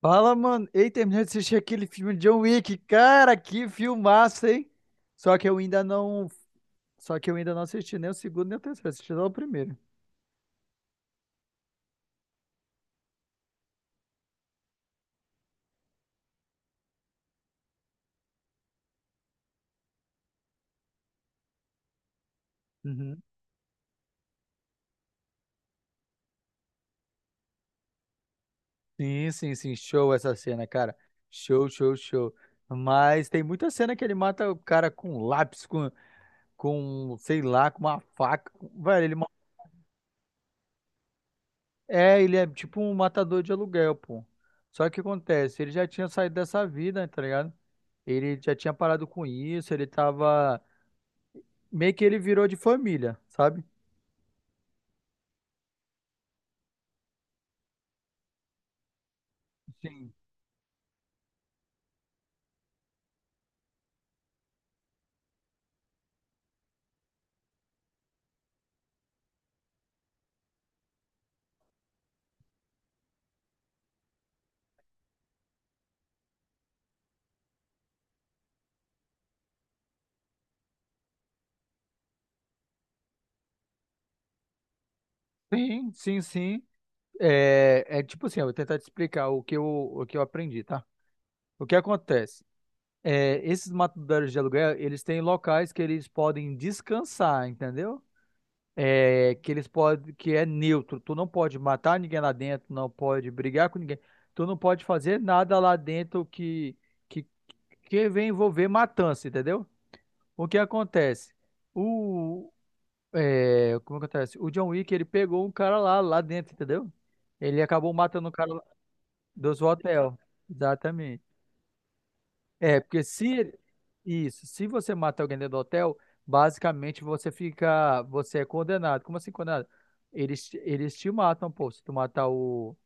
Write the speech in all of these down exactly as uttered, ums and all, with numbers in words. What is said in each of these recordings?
Fala, mano. Ei, terminei de assistir aquele filme de John Wick. Cara, que filmaço, hein? Só que eu ainda não. Só que eu ainda não assisti nem o segundo nem o terceiro. Assisti só o primeiro. Uhum. Sim, sim, sim. Show essa cena, cara. Show, show, show. Mas tem muita cena que ele mata o cara com um lápis, com, com sei lá, com uma faca. com- Velho, ele. ma- é, ele é tipo um matador de aluguel, pô. Só que o que acontece? Ele já tinha saído dessa vida, tá ligado? Ele já tinha parado com isso, ele tava. Meio que ele virou de família, sabe? Sim, sim, sim. sim. É, é tipo assim, eu vou tentar te explicar o que eu, o que eu aprendi, tá? O que acontece? É, esses matadores de aluguel, eles têm locais que eles podem descansar, entendeu? É, que eles podem, que é neutro. Tu não pode matar ninguém lá dentro, não pode brigar com ninguém. Tu não pode fazer nada lá dentro que que, que vem envolver matança, entendeu? O que acontece? É, como acontece? O John Wick, ele pegou um cara lá, lá dentro, entendeu? Ele acabou matando o cara lá do hotel. Exatamente. É, porque se isso, se você mata alguém dentro do hotel, basicamente você fica, você é condenado. Como assim condenado? Eles, eles te matam, pô, se tu matar o...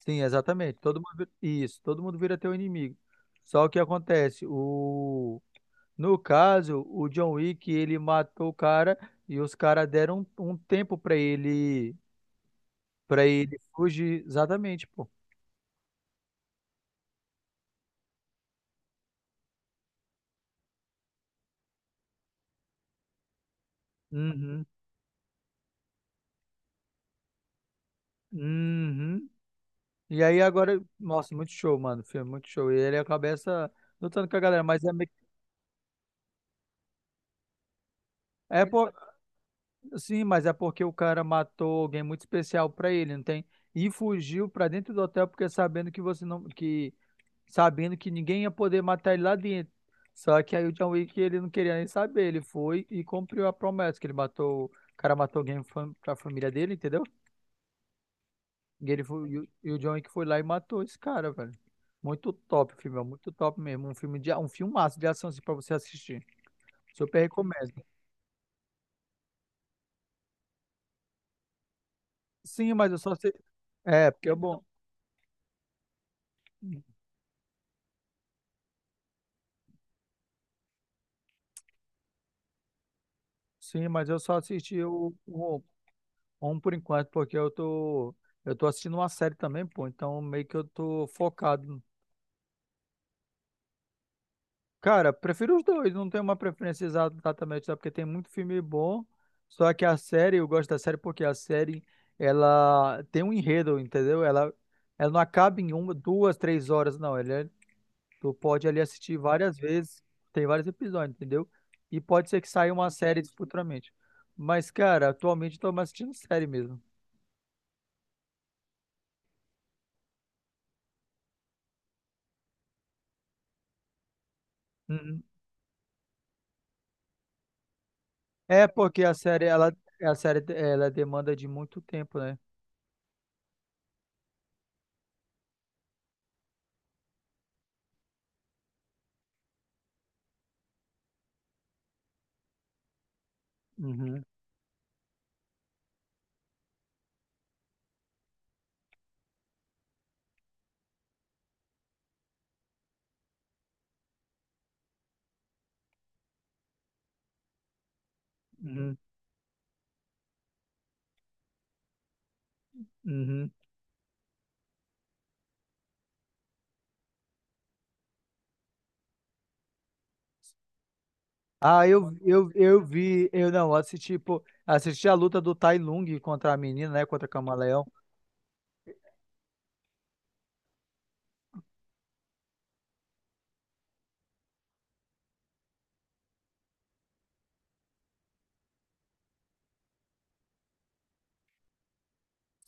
Sim, exatamente. Todo mundo, vi- isso, todo mundo vira teu inimigo. Só que acontece, o no caso, o John Wick, ele matou o cara e os caras deram um um tempo pra ele pra ele fugir. Exatamente, pô. Uhum. Uhum. E aí agora, nossa, muito show, mano. O filme, muito show. E ele cabeça lutando com a galera, mas é, meio- é por, sim, mas é porque o cara matou alguém muito especial pra ele, não tem? E fugiu pra dentro do hotel porque sabendo que você não que sabendo que ninguém ia poder matar ele lá dentro. Só que aí o John Wick ele não queria nem saber, ele foi e cumpriu a promessa que ele matou, o cara matou alguém fam- pra família dele, entendeu? E ele foi, e o e o John Wick foi lá e matou esse cara, velho. Muito top o filme, é muito top mesmo. Um filme de, a- um filmaço de ação assim, pra você assistir. Super recomendo. Sim, mas eu só assisti. É, porque é bom. Sim, mas eu só assisti o, o um por enquanto, porque eu tô, eu tô assistindo uma série também, pô. Então meio que eu tô focado. Cara, prefiro os dois, não tenho uma preferência exa- exatamente, sabe? Porque tem muito filme bom, só que a série, eu gosto da série porque a série, ela tem um enredo, entendeu? Ela, ela não acaba em uma, duas, três horas, não. Ela, é- tu pode ali assistir várias vezes, tem vários episódios, entendeu? E pode ser que saia uma série futuramente. Mas, cara, atualmente eu tô mais assistindo série mesmo. Uhum. É porque a série, ela, a série, ela demanda de muito tempo, né? Uhum, uhum, uhum. Ah, eu, eu, eu vi, eu não, assisti, pô, assisti a luta do Tai Lung contra a menina, né, contra a Camaleão.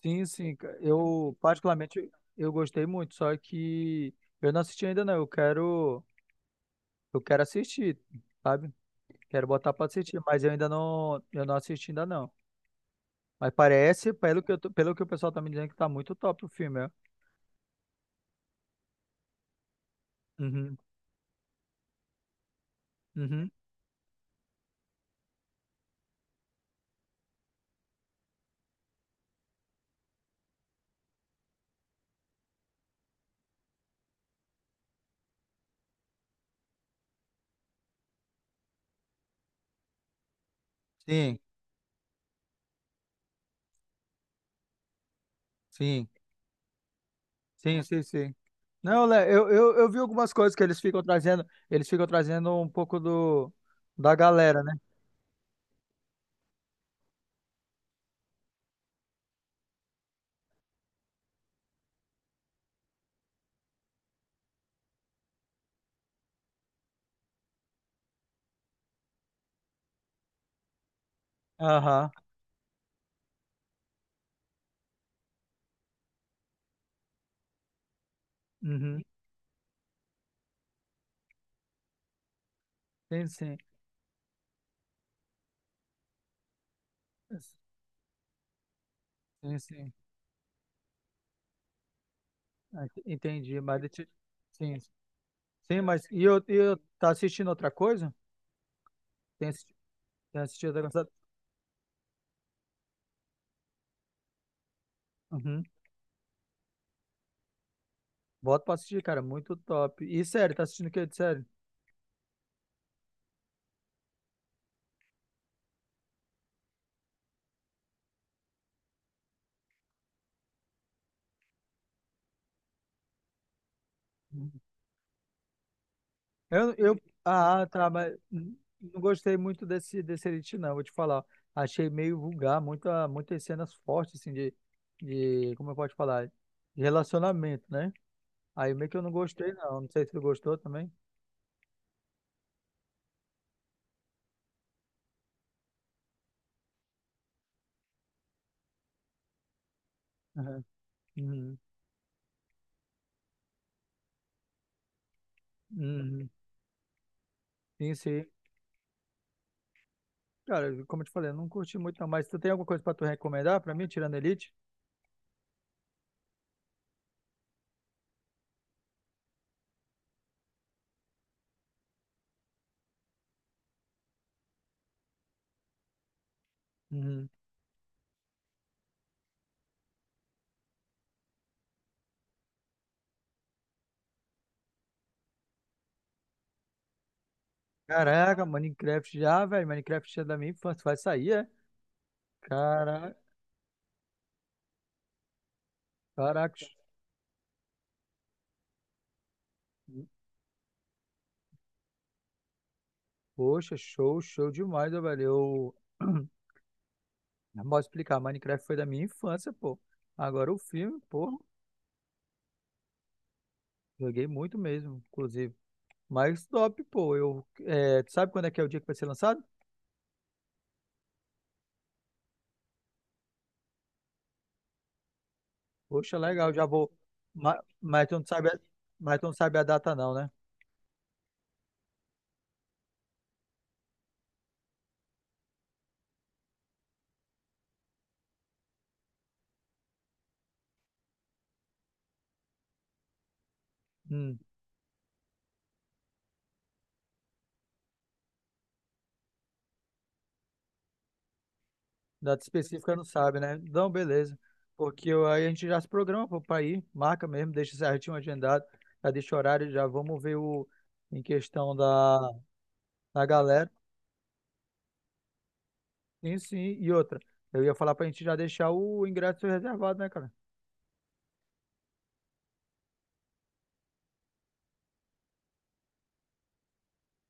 Sim, sim, ca- eu particularmente, eu gostei muito, só que eu não assisti ainda não, eu quero, eu quero assistir, sabe? Quero botar pra assistir, mas eu ainda não, eu não assisti ainda não. Mas parece, pelo que, eu tô- pelo que o pessoal tá me dizendo, que tá muito top o filme, é. Uhum, uhum. Sim, sim, sim, sim, sim. Não, Lé, eu, eu, eu vi algumas coisas que eles ficam trazendo, eles ficam trazendo um pouco do da galera, né? Aham. Uhum. Sim, sim. Sim, sim. Ah, ent- Entendi, mas deixa- eu- sim, sim, mas e eu, e eu tá assistindo outra coisa? Tem, assi- tem assistido outra coisa? Uhum. Bota pra assistir, cara, muito top. E sério, tá assistindo o que de série? Eu, eu, ah, tá, mas n- não gostei muito desse, desse Elite, não, vou te falar. Achei meio vulgar, muita, muitas cenas fortes, assim, de, de, como eu posso falar, de relacionamento, né? Aí meio que eu não gostei, não. Não sei se tu gostou também. Aham. Uhum. Uhum. Sim, sim. Cara, como eu te falei, eu não curti muito, não. Mas tu tem alguma coisa pra tu recomendar pra mim, tirando Elite? Uhum. Caraca, Minecraft já, velho. Minecraft já é da minha infância, vai sair, é? Cara, caraca. Poxa, show, show demais, ó, velho. Eu não posso explicar, Minecraft foi da minha infância, pô. Agora o filme, pô, joguei muito mesmo, inclusive. Mas top, pô. Eu, é, tu sabe quando é que é o dia que vai ser lançado? Poxa, legal, já vou. Mas, mas tu não sabe, a- mas tu não sabe a data, não, né? Hum, data específica não sabe, né? Não, beleza. Porque eu- aí a gente já se programa, pô, pra ir, marca mesmo, deixa certinho agendado, já deixa o horário, já vamos ver o em questão da, da galera. Sim, sim. E outra, eu ia falar pra gente já deixar o ingresso reservado, né, cara?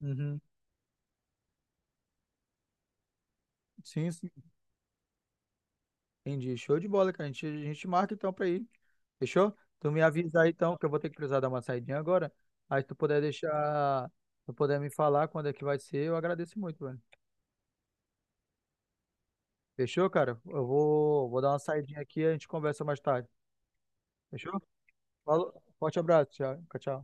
Uhum. Sim, sim. Entendi. Show de bola, cara. A gente, a gente marca então pra ir. Fechou? Tu me avisa aí então, que eu vou ter que precisar dar uma saidinha agora. Aí se tu puder deixar, se tu puder me falar quando é que vai ser, eu agradeço muito, velho. Fechou, cara? Eu vou, vou dar uma saidinha aqui e a gente conversa mais tarde. Fechou? Falou. Forte abraço. Tchau. Tchau.